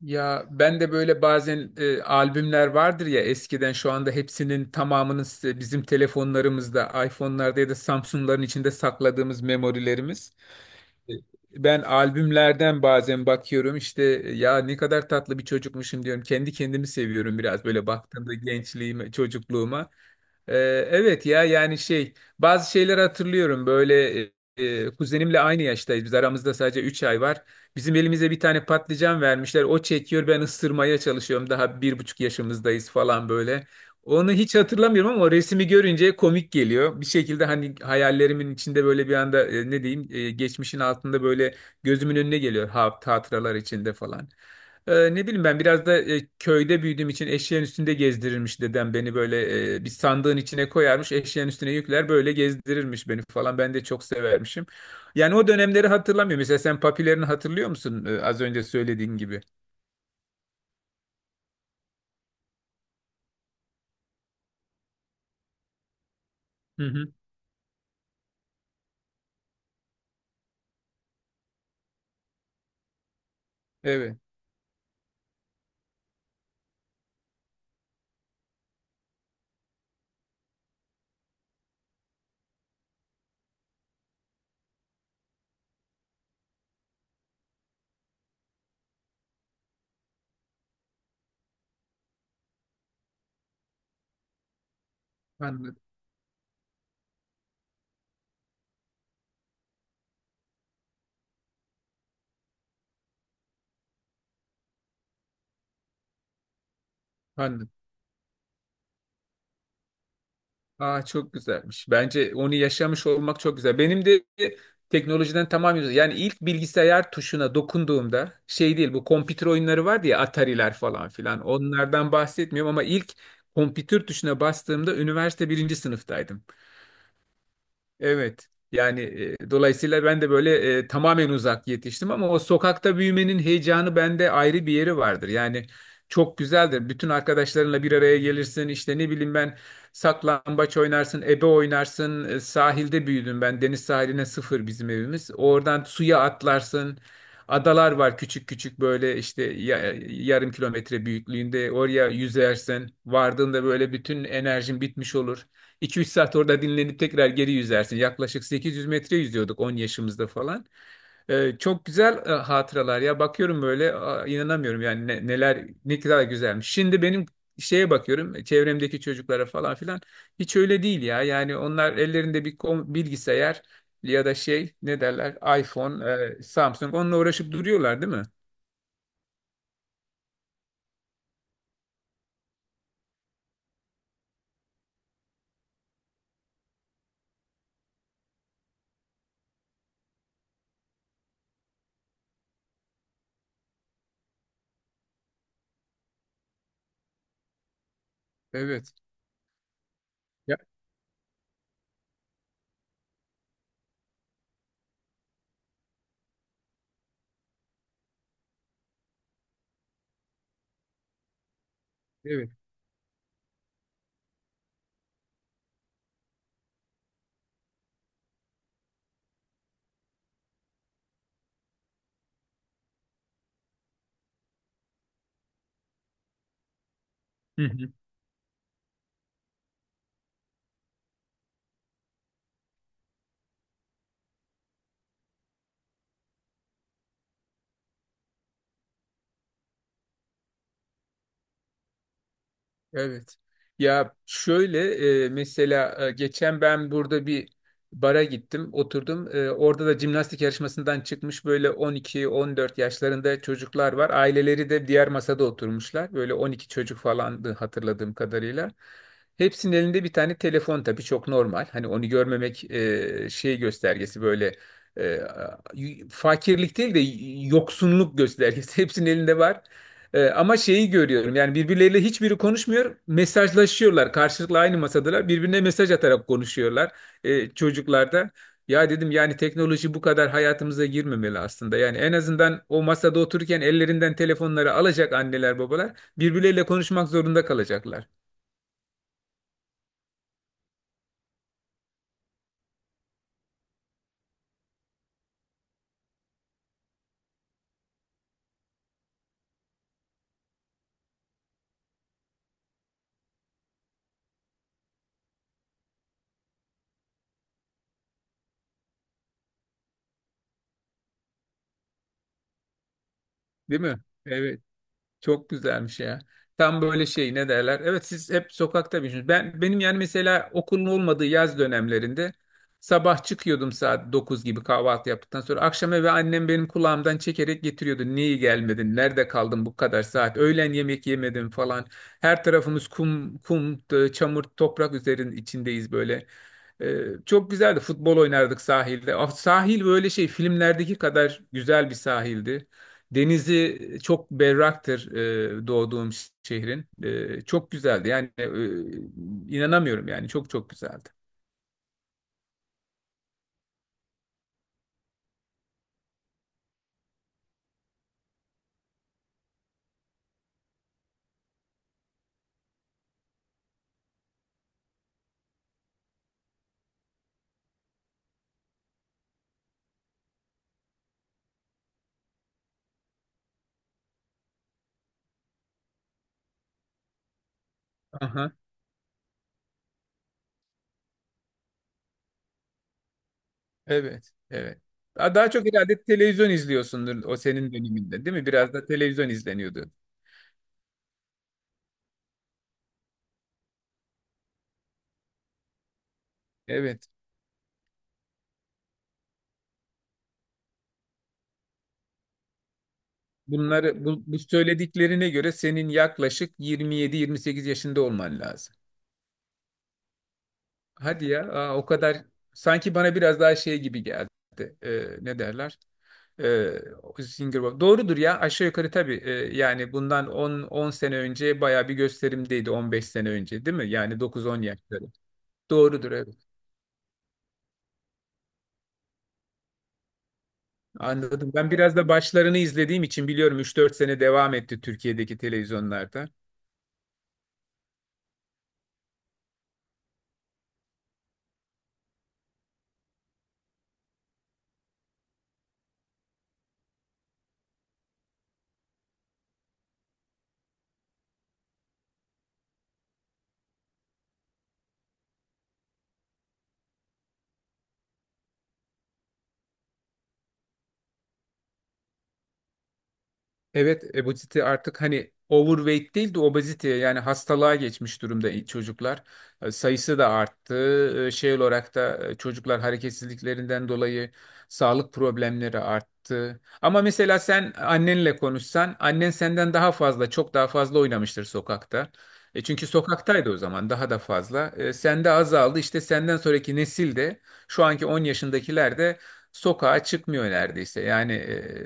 Ya ben de böyle bazen albümler vardır ya eskiden şu anda hepsinin tamamının bizim telefonlarımızda, iPhone'larda ya da Samsung'ların içinde sakladığımız memorilerimiz. E, Ben albümlerden bazen bakıyorum işte, ya ne kadar tatlı bir çocukmuşum diyorum. Kendi kendimi seviyorum biraz böyle baktığımda gençliğime, çocukluğuma. Ee, evet ya, yani şey, bazı şeyler hatırlıyorum böyle, kuzenimle aynı yaştayız, biz aramızda sadece 3 ay var. Bizim elimize bir tane patlıcan vermişler, o çekiyor, ben ısırmaya çalışıyorum, daha 1,5 yaşımızdayız falan böyle. Onu hiç hatırlamıyorum ama o resmi görünce komik geliyor. Bir şekilde hani hayallerimin içinde böyle bir anda ne diyeyim, geçmişin altında böyle gözümün önüne geliyor, hatıralar içinde falan. Ne bileyim, ben biraz da köyde büyüdüğüm için eşeğin üstünde gezdirirmiş dedem beni böyle, bir sandığın içine koyarmış, eşeğin üstüne yükler böyle gezdirirmiş beni falan, ben de çok severmişim. Yani o dönemleri hatırlamıyorum. Mesela sen papilerini hatırlıyor musun? Az önce söylediğin gibi. Hı hı. Evet. Anladım. Anladım. Aa, çok güzelmiş. Bence onu yaşamış olmak çok güzel. Benim de teknolojiden tamamen uzak. Yani ilk bilgisayar tuşuna dokunduğumda, şey değil, bu kompütür oyunları vardı ya, Atari'ler falan filan. Onlardan bahsetmiyorum ama ilk kompütür tuşuna bastığımda üniversite birinci sınıftaydım. Evet. Yani dolayısıyla ben de böyle tamamen uzak yetiştim, ama o sokakta büyümenin heyecanı bende ayrı bir yeri vardır. Yani çok güzeldir. Bütün arkadaşlarınla bir araya gelirsin. İşte ne bileyim ben, saklambaç oynarsın, ebe oynarsın. Sahilde büyüdüm ben. Deniz sahiline sıfır bizim evimiz. Oradan suya atlarsın. Adalar var küçük küçük böyle işte, 0,5 kilometre büyüklüğünde. Oraya yüzersin. Vardığında böyle bütün enerjin bitmiş olur. 2-3 saat orada dinlenip tekrar geri yüzersin. Yaklaşık 800 metre yüzüyorduk 10 yaşımızda falan. Çok güzel hatıralar ya. Bakıyorum böyle, inanamıyorum yani, neler ne kadar güzelmiş. Şimdi benim şeye bakıyorum, çevremdeki çocuklara falan filan, hiç öyle değil ya. Yani onlar ellerinde bir bilgisayar ya da şey ne derler, iPhone, Samsung, onunla uğraşıp duruyorlar, değil mi? Evet. Ya, evet. Hı hı. Evet. Ya şöyle, mesela geçen ben burada bir bara gittim, oturdum. Orada da jimnastik yarışmasından çıkmış böyle 12-14 yaşlarında çocuklar var. Aileleri de diğer masada oturmuşlar. Böyle 12 çocuk falandı hatırladığım kadarıyla. Hepsinin elinde bir tane telefon, tabii çok normal. Hani onu görmemek şey göstergesi böyle, e, fakirlik değil de yoksunluk göstergesi. Hepsinin elinde var. Ama şeyi görüyorum yani, birbirleriyle hiçbiri konuşmuyor, mesajlaşıyorlar karşılıklı, aynı masadalar, birbirine mesaj atarak konuşuyorlar çocuklar da. Ya dedim, yani teknoloji bu kadar hayatımıza girmemeli aslında, yani en azından o masada otururken ellerinden telefonları alacak, anneler babalar birbirleriyle konuşmak zorunda kalacaklar, değil mi? Evet. Çok güzelmiş ya. Tam böyle şey ne derler? Evet, siz hep sokakta büyüdünüz. Ben, benim yani mesela okulun olmadığı yaz dönemlerinde sabah çıkıyordum saat 9 gibi, kahvaltı yaptıktan sonra akşam eve annem benim kulağımdan çekerek getiriyordu. Niye gelmedin? Nerede kaldın bu kadar saat? Öğlen yemek yemedim falan. Her tarafımız kum, kum, çamur, toprak üzerinin içindeyiz böyle. Çok güzeldi. Futbol oynardık sahilde. Ah, sahil böyle şey, filmlerdeki kadar güzel bir sahildi. Denizi çok berraktır doğduğum şehrin. Çok güzeldi. Yani inanamıyorum yani, çok çok güzeldi. Aha, evet, evet. Daha daha çok herhalde televizyon izliyorsundur o senin döneminde, değil mi? Biraz da televizyon izleniyordu. Evet. Bunları, bu söylediklerine göre senin yaklaşık 27-28 yaşında olman lazım. Hadi ya, aa, o kadar sanki bana biraz daha şey gibi geldi. Ne derler? Singer Bob. Doğrudur ya, aşağı yukarı tabii. Yani bundan 10 sene önce bayağı bir gösterimdeydi, 15 sene önce, değil mi? Yani 9-10 yaşları. Doğrudur, evet. Anladım. Ben biraz da başlarını izlediğim için biliyorum, 3-4 sene devam etti Türkiye'deki televizyonlarda. Evet, obezite artık hani overweight değil de obezite, yani hastalığa geçmiş durumda çocuklar. Sayısı da arttı. Şey olarak da çocuklar hareketsizliklerinden dolayı sağlık problemleri arttı. Ama mesela sen annenle konuşsan, annen senden daha fazla, çok daha fazla oynamıştır sokakta. Çünkü sokaktaydı o zaman daha da fazla. Sende azaldı. İşte senden sonraki nesil de, şu anki 10 yaşındakiler de sokağa çıkmıyor neredeyse. Yani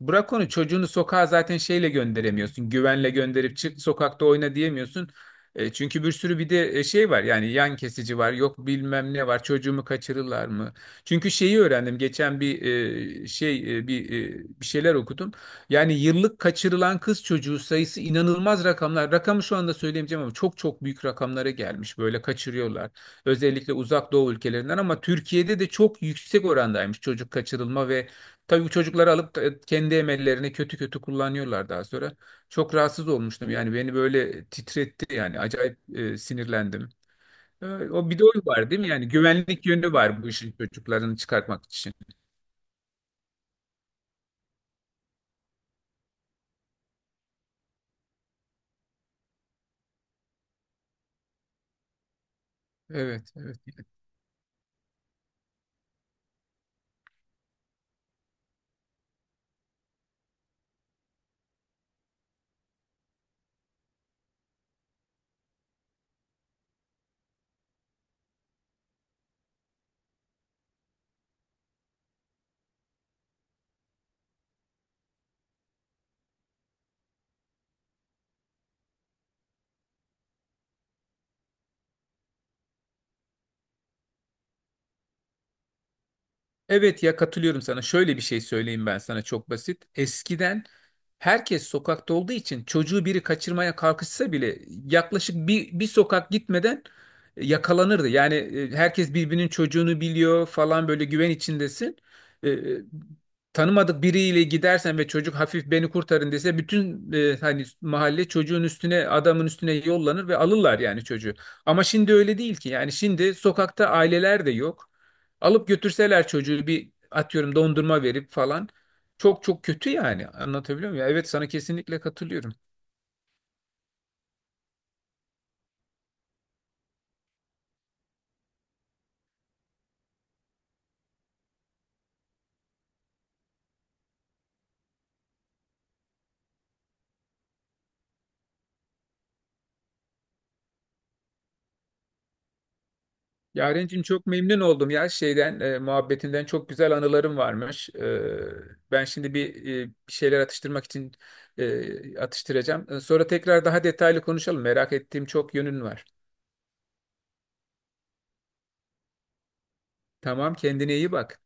bırak onu, çocuğunu sokağa zaten şeyle gönderemiyorsun. Güvenle gönderip çık sokakta oyna diyemiyorsun. Çünkü bir sürü bir de şey var yani, yan kesici var, yok bilmem ne var, çocuğumu kaçırırlar mı? Çünkü şeyi öğrendim geçen bir e, şey e, bir şeyler okudum. Yani yıllık kaçırılan kız çocuğu sayısı inanılmaz rakamlar. Rakamı şu anda söyleyemeyeceğim ama çok çok büyük rakamlara gelmiş, böyle kaçırıyorlar. Özellikle uzak doğu ülkelerinden, ama Türkiye'de de çok yüksek orandaymış çocuk kaçırılma ve tabii bu çocukları alıp da kendi emellerine kötü kötü kullanıyorlar daha sonra. Çok rahatsız olmuştum yani, beni böyle titretti yani, acayip sinirlendim. O bir de o var, değil mi? Yani güvenlik yönü var bu işin, çocuklarını çıkartmak için. Evet, evet. Evet ya, katılıyorum sana. Şöyle bir şey söyleyeyim ben sana, çok basit. Eskiden herkes sokakta olduğu için çocuğu biri kaçırmaya kalkışsa bile yaklaşık bir sokak gitmeden yakalanırdı. Yani herkes birbirinin çocuğunu biliyor falan, böyle güven içindesin. E, e, Tanımadık biriyle gidersen ve çocuk hafif beni kurtarın dese, bütün hani mahalle çocuğun üstüne, adamın üstüne yollanır ve alırlar yani çocuğu. Ama şimdi öyle değil ki. Yani şimdi sokakta aileler de yok. Alıp götürseler çocuğu, bir atıyorum dondurma verip falan. Çok çok kötü yani. Anlatabiliyor muyum? Ya, evet, sana kesinlikle katılıyorum. Yarencim çok memnun oldum ya şeyden, muhabbetinden, çok güzel anılarım varmış. Ben şimdi bir şeyler atıştırmak için atıştıracağım. Sonra tekrar daha detaylı konuşalım. Merak ettiğim çok yönün var. Tamam, kendine iyi bak.